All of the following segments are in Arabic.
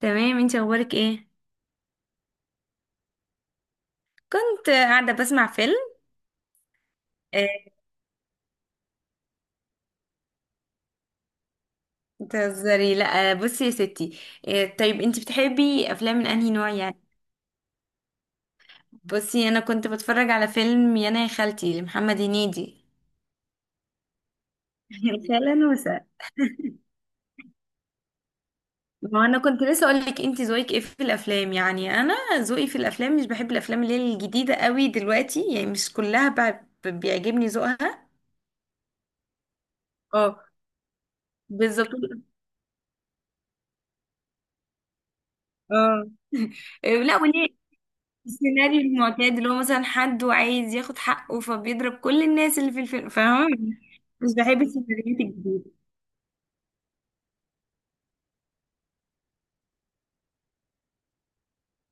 تمام، انت اخبارك ايه؟ كنت قاعده بسمع فيلم. آه، بتهزري؟ لا. بصي يا ستي. طيب، انت بتحبي افلام من انهي نوع يعني؟ بصي، انا كنت بتفرج على فيلم يانا يا خالتي لمحمد هنيدي. يا خاله نوسة، ما انا كنت لسه اقول لك انت ذوقك ايه في الافلام. يعني انا ذوقي في الافلام مش بحب الافلام اللي هي الجديده قوي دلوقتي، يعني مش كلها بيعجبني ذوقها. اه، بالظبط. اه. لا، وليه؟ السيناريو المعتاد اللي هو مثلا حد وعايز ياخد حقه فبيضرب كل الناس اللي في الفيلم، فاهمة؟ مش بحب السيناريوهات الجديدة.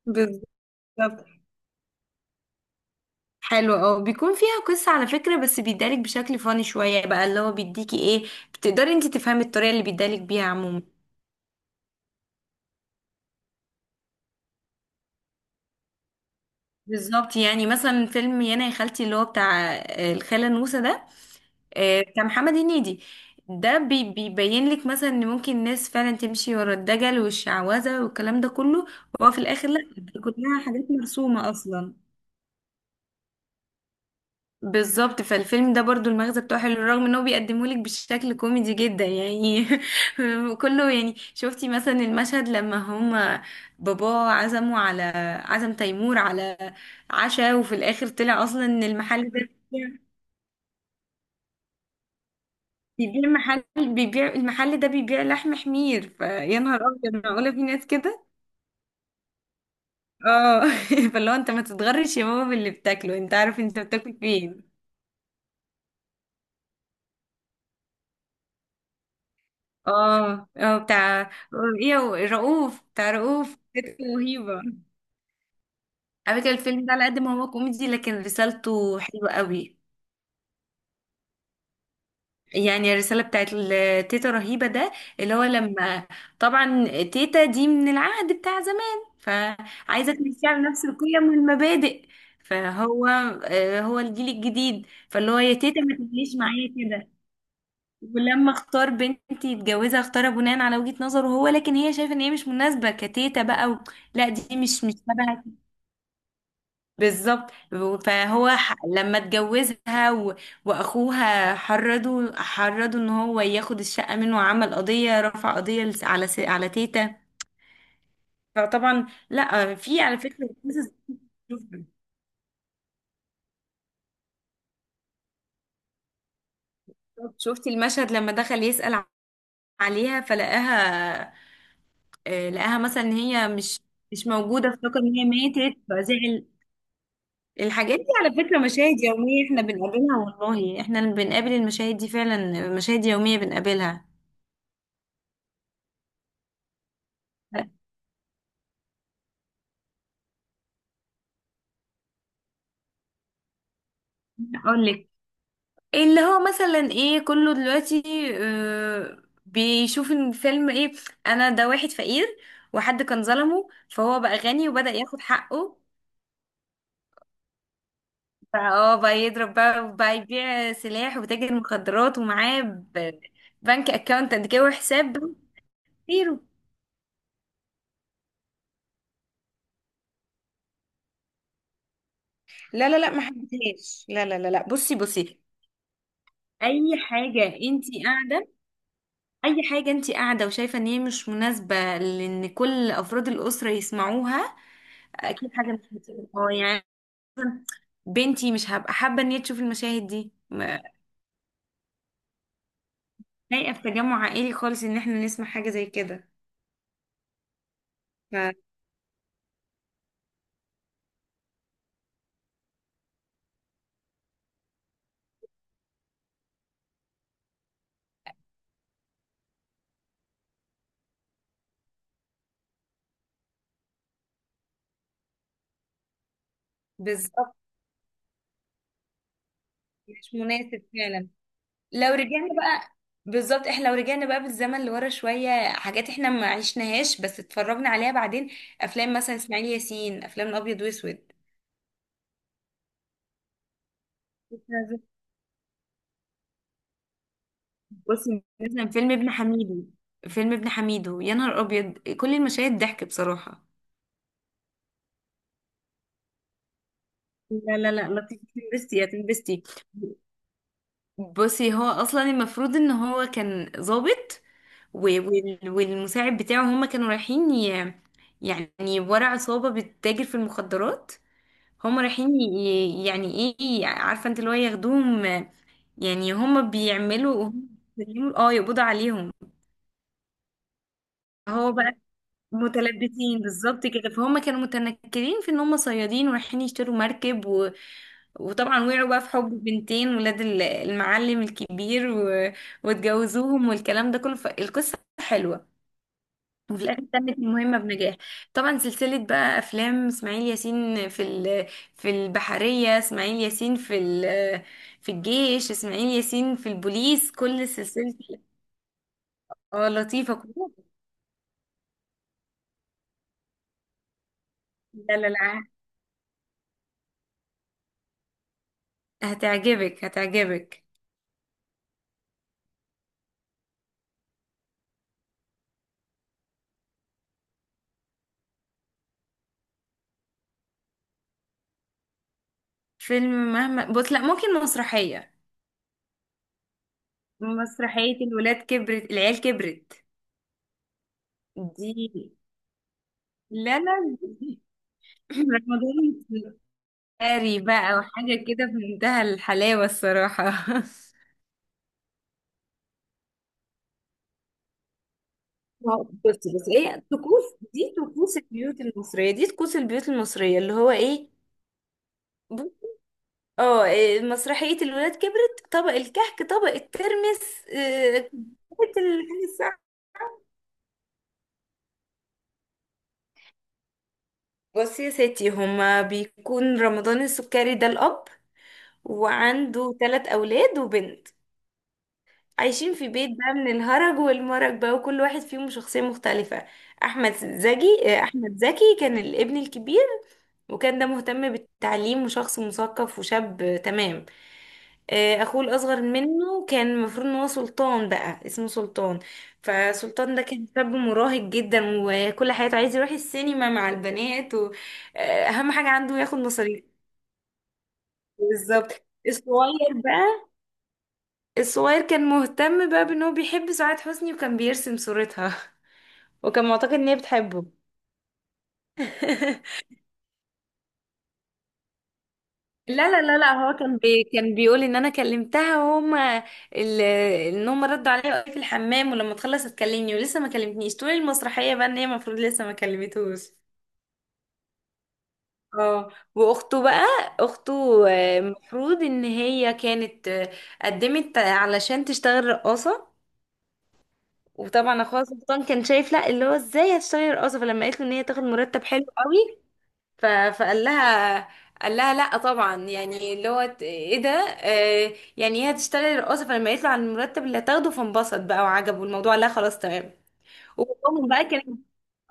بالظبط. حلو، اه، بيكون فيها قصة على فكرة، بس بيدالك بشكل فاني شوية بقى، اللي هو بيديكي ايه، بتقدري انت تفهمي الطريقة اللي بيدالك بيها عموما. بالظبط. يعني مثلا فيلم يانا يا خالتي، اللي هو بتاع الخالة نوسة ده، كمحمد هنيدي، ده بيبين لك مثلا ان ممكن الناس فعلا تمشي ورا الدجل والشعوذة والكلام ده كله، وهو في الاخر لا، دي كلها حاجات مرسومة اصلا. بالظبط. فالفيلم ده برضو المغزى بتاعه حلو رغم ان هو بيقدمه لك بشكل كوميدي جدا يعني. كله يعني، شفتي مثلا المشهد لما هما باباه عزموا على، عزم تيمور على عشاء، وفي الاخر طلع اصلا ان المحل ده بيبيع محل، بيبيع المحل ده بيبيع لحم حمير، فيا نهار ابيض، معقولة في ناس كده؟ اه. فاللي هو انت ما تتغرش يا بابا باللي بتاكله، انت عارف انت بتاكل فين. اه، اه، بتاع ايه هو؟ رؤوف، بتاع رؤوف كانت رهيبة. على فكرة الفيلم ده على قد ما هو كوميدي لكن رسالته حلوة قوي. يعني الرسالة بتاعت تيتا رهيبة ده، اللي هو لما، طبعا تيتا دي من العهد بتاع زمان فعايزة تمشي على نفس القيم والمبادئ، فهو هو الجيل الجديد، فاللي هو يا تيتا ما تجيش معايا كده. ولما اختار بنتي يتجوزها اختارها بناء على وجهة نظره هو، لكن هي شايفة ان هي مش مناسبة كتيتا بقى، و... لا دي مش تبعي. بالظبط. فهو لما اتجوزها و... واخوها حرضوا ان هو ياخد الشقه منه، وعمل قضيه، رفع قضيه على على تيتا. فطبعا لا، في على فكره شفتي المشهد لما دخل يسأل عليها فلقاها، لقاها مثلا ان هي مش موجوده، افتكر ان هي ماتت فزعل. الحاجات دي على فكره مشاهد يوميه احنا بنقابلها، والله احنا اللي بنقابل المشاهد دي فعلا مشاهد يوميه بنقابلها. اقول لك، اللي هو مثلا ايه كله دلوقتي آه، بيشوف ان فيلم ايه، انا ده واحد فقير وحد كان ظلمه فهو بقى غني وبدأ ياخد حقه، بقى اه بقى يضرب بقى وبقى يبيع سلاح وتاجر مخدرات ومعاه بنك اكاونت قد كده وحساب كتير. لا لا لا، ما حبيتهاش. لا لا لا لا، بصي بصي، اي حاجه انتي قاعده، اي حاجه انتي قاعده وشايفه ان هي مش مناسبه لان كل افراد الاسره يسمعوها، اكيد حاجه مش هتبقى- اه يعني بنتي مش هبقى حابة ان هي تشوف المشاهد دي، لايقة في تجمع عائلي خالص ان احنا نسمع حاجة زي كده. ف- بالظبط، مش مناسب فعلا. لو رجعنا بقى، بالظبط احنا لو رجعنا بقى بالزمن لورا شوية، حاجات احنا ما عشناهاش بس اتفرجنا عليها بعدين، افلام مثلا اسماعيل ياسين، افلام ابيض واسود. بصي مثلا فيلم ابن حميدو، فيلم ابن حميدو، يا نهار ابيض، كل المشاهد ضحك بصراحة. لا لا لا، لطيف، تنبستي يا تنبستي. بصي، هو اصلا المفروض ان هو كان ضابط، والمساعد بتاعه، هما كانوا رايحين يعني ورا عصابة بتتاجر في المخدرات، هما رايحين يعني ايه، عارفة انت اللي هو ياخدوهم، يعني هما بيعملوا، هما اه يقبضوا عليهم. هو بقى متلبسين بالظبط كده، فهم كانوا متنكرين في ان هم صيادين ورايحين يشتروا مركب، وطبعا وقعوا بقى في حب بنتين ولاد المعلم الكبير و... واتجوزوهم والكلام ده كله، فالقصة حلوة، وفي الآخر تمت المهمة بنجاح. طبعا سلسلة بقى أفلام إسماعيل ياسين، في البحرية، إسماعيل ياسين في الجيش، إسماعيل ياسين في البوليس، كل سلسلة. اه، لطيفة كلها. لا لا لا، هتعجبك هتعجبك. فيلم مهما بص، لا، ممكن مسرحية، مسرحية الولاد كبرت، العيال كبرت دي. لا لا. رمضان سهري بقى، وحاجة كده في منتهى الحلاوة الصراحة. ما هو- بس بس ايه، طقوس، دي طقوس البيوت المصرية، دي طقوس البيوت المصرية، اللي هو ايه، ب- اه مسرحية الولاد كبرت، طبق الكحك، طبق الترمس، طبق الحاجة الساعة. بصي يا ستي، هما بيكون رمضان السكري ده الأب، وعنده ثلاث أولاد وبنت، عايشين في بيت بقى من الهرج والمرج بقى، وكل واحد فيهم شخصية مختلفة. أحمد زكي، أحمد زكي كان الابن الكبير، وكان ده مهتم بالتعليم وشخص مثقف وشاب، تمام. أخوه الأصغر منه كان المفروض إن هو سلطان بقى، اسمه سلطان، فسلطان ده كان شاب مراهق جدا، وكل حياته عايز يروح السينما مع البنات، وأهم حاجة عنده ياخد مصاريف. بالظبط. الصغير بقى، الصغير كان مهتم بقى بان هو بيحب سعاد حسني، وكان بيرسم صورتها. وكان معتقد ان هي بتحبه. لا لا لا لا، هو كان بيقول ان انا كلمتها، وهما ال- ان هما ردوا عليا وقالوا في الحمام ولما تخلص هتكلمني، ولسه ما كلمتنيش طول المسرحيه بقى، ان هي المفروض لسه ما كلمتوش. اه، واخته بقى، اخته، المفروض ان هي كانت، قدمت علشان تشتغل رقاصه، وطبعا اخوها سلطان كان شايف لا، اللي هو ازاي هتشتغلي رقاصه، فلما قالت له ان هي تاخد مرتب حلو قوي، فقال لها، قال لها لا طبعا، يعني اللي هو ايه ده، آه يعني هي هتشتغلي رقاصه، فلما قالت له على المرتب اللي هتاخده فانبسط بقى وعجبه الموضوع، لا خلاص تمام. وباباهم بقى كان،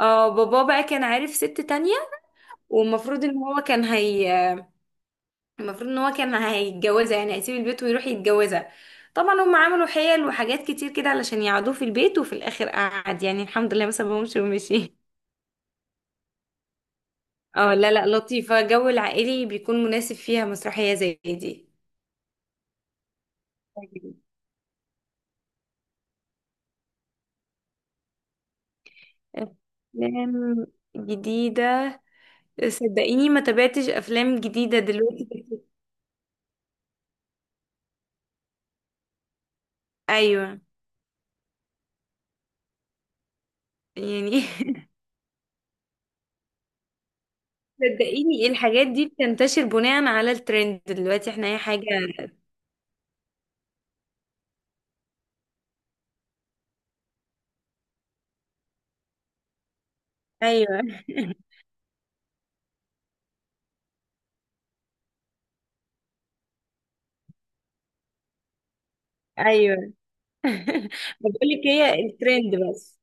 اه بابا بقى كان عارف ست تانية، والمفروض ان هو كان هي، المفروض ان هو كان هيتجوزها، يعني هيسيب البيت ويروح يتجوزها، طبعا هم عملوا حيل وحاجات كتير كده علشان يقعدوه في البيت، وفي الاخر قعد، يعني الحمد لله ما سابهمش ومشي. اه، لا لا، لطيفة، جو العائلي بيكون مناسب فيها مسرحية زي دي. طيب، أفلام جديدة، صدقيني ما تابعتش أفلام جديدة دلوقتي. أيوة. يعني. صدقيني الحاجات دي بتنتشر بناء على الترند دلوقتي، احنا أي حاجة. أيوة. أيوة. بقول لك هي الترند بس.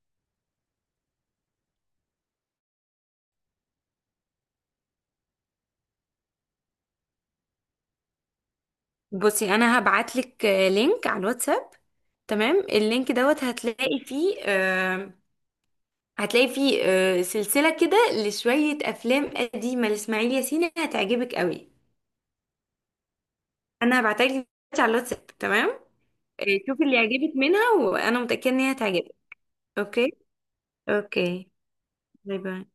بصي انا هبعت لك لينك على الواتساب، تمام، اللينك دوت هتلاقي فيه آه، هتلاقي فيه آه، سلسلة كده لشوية افلام قديمة لاسماعيل ياسين هتعجبك قوي. انا هبعتها لك دلوقتي على الواتساب، تمام. شوفي اللي يعجبك منها، وانا متأكدة ان هي هتعجبك. اوكي. اوكي. باي باي.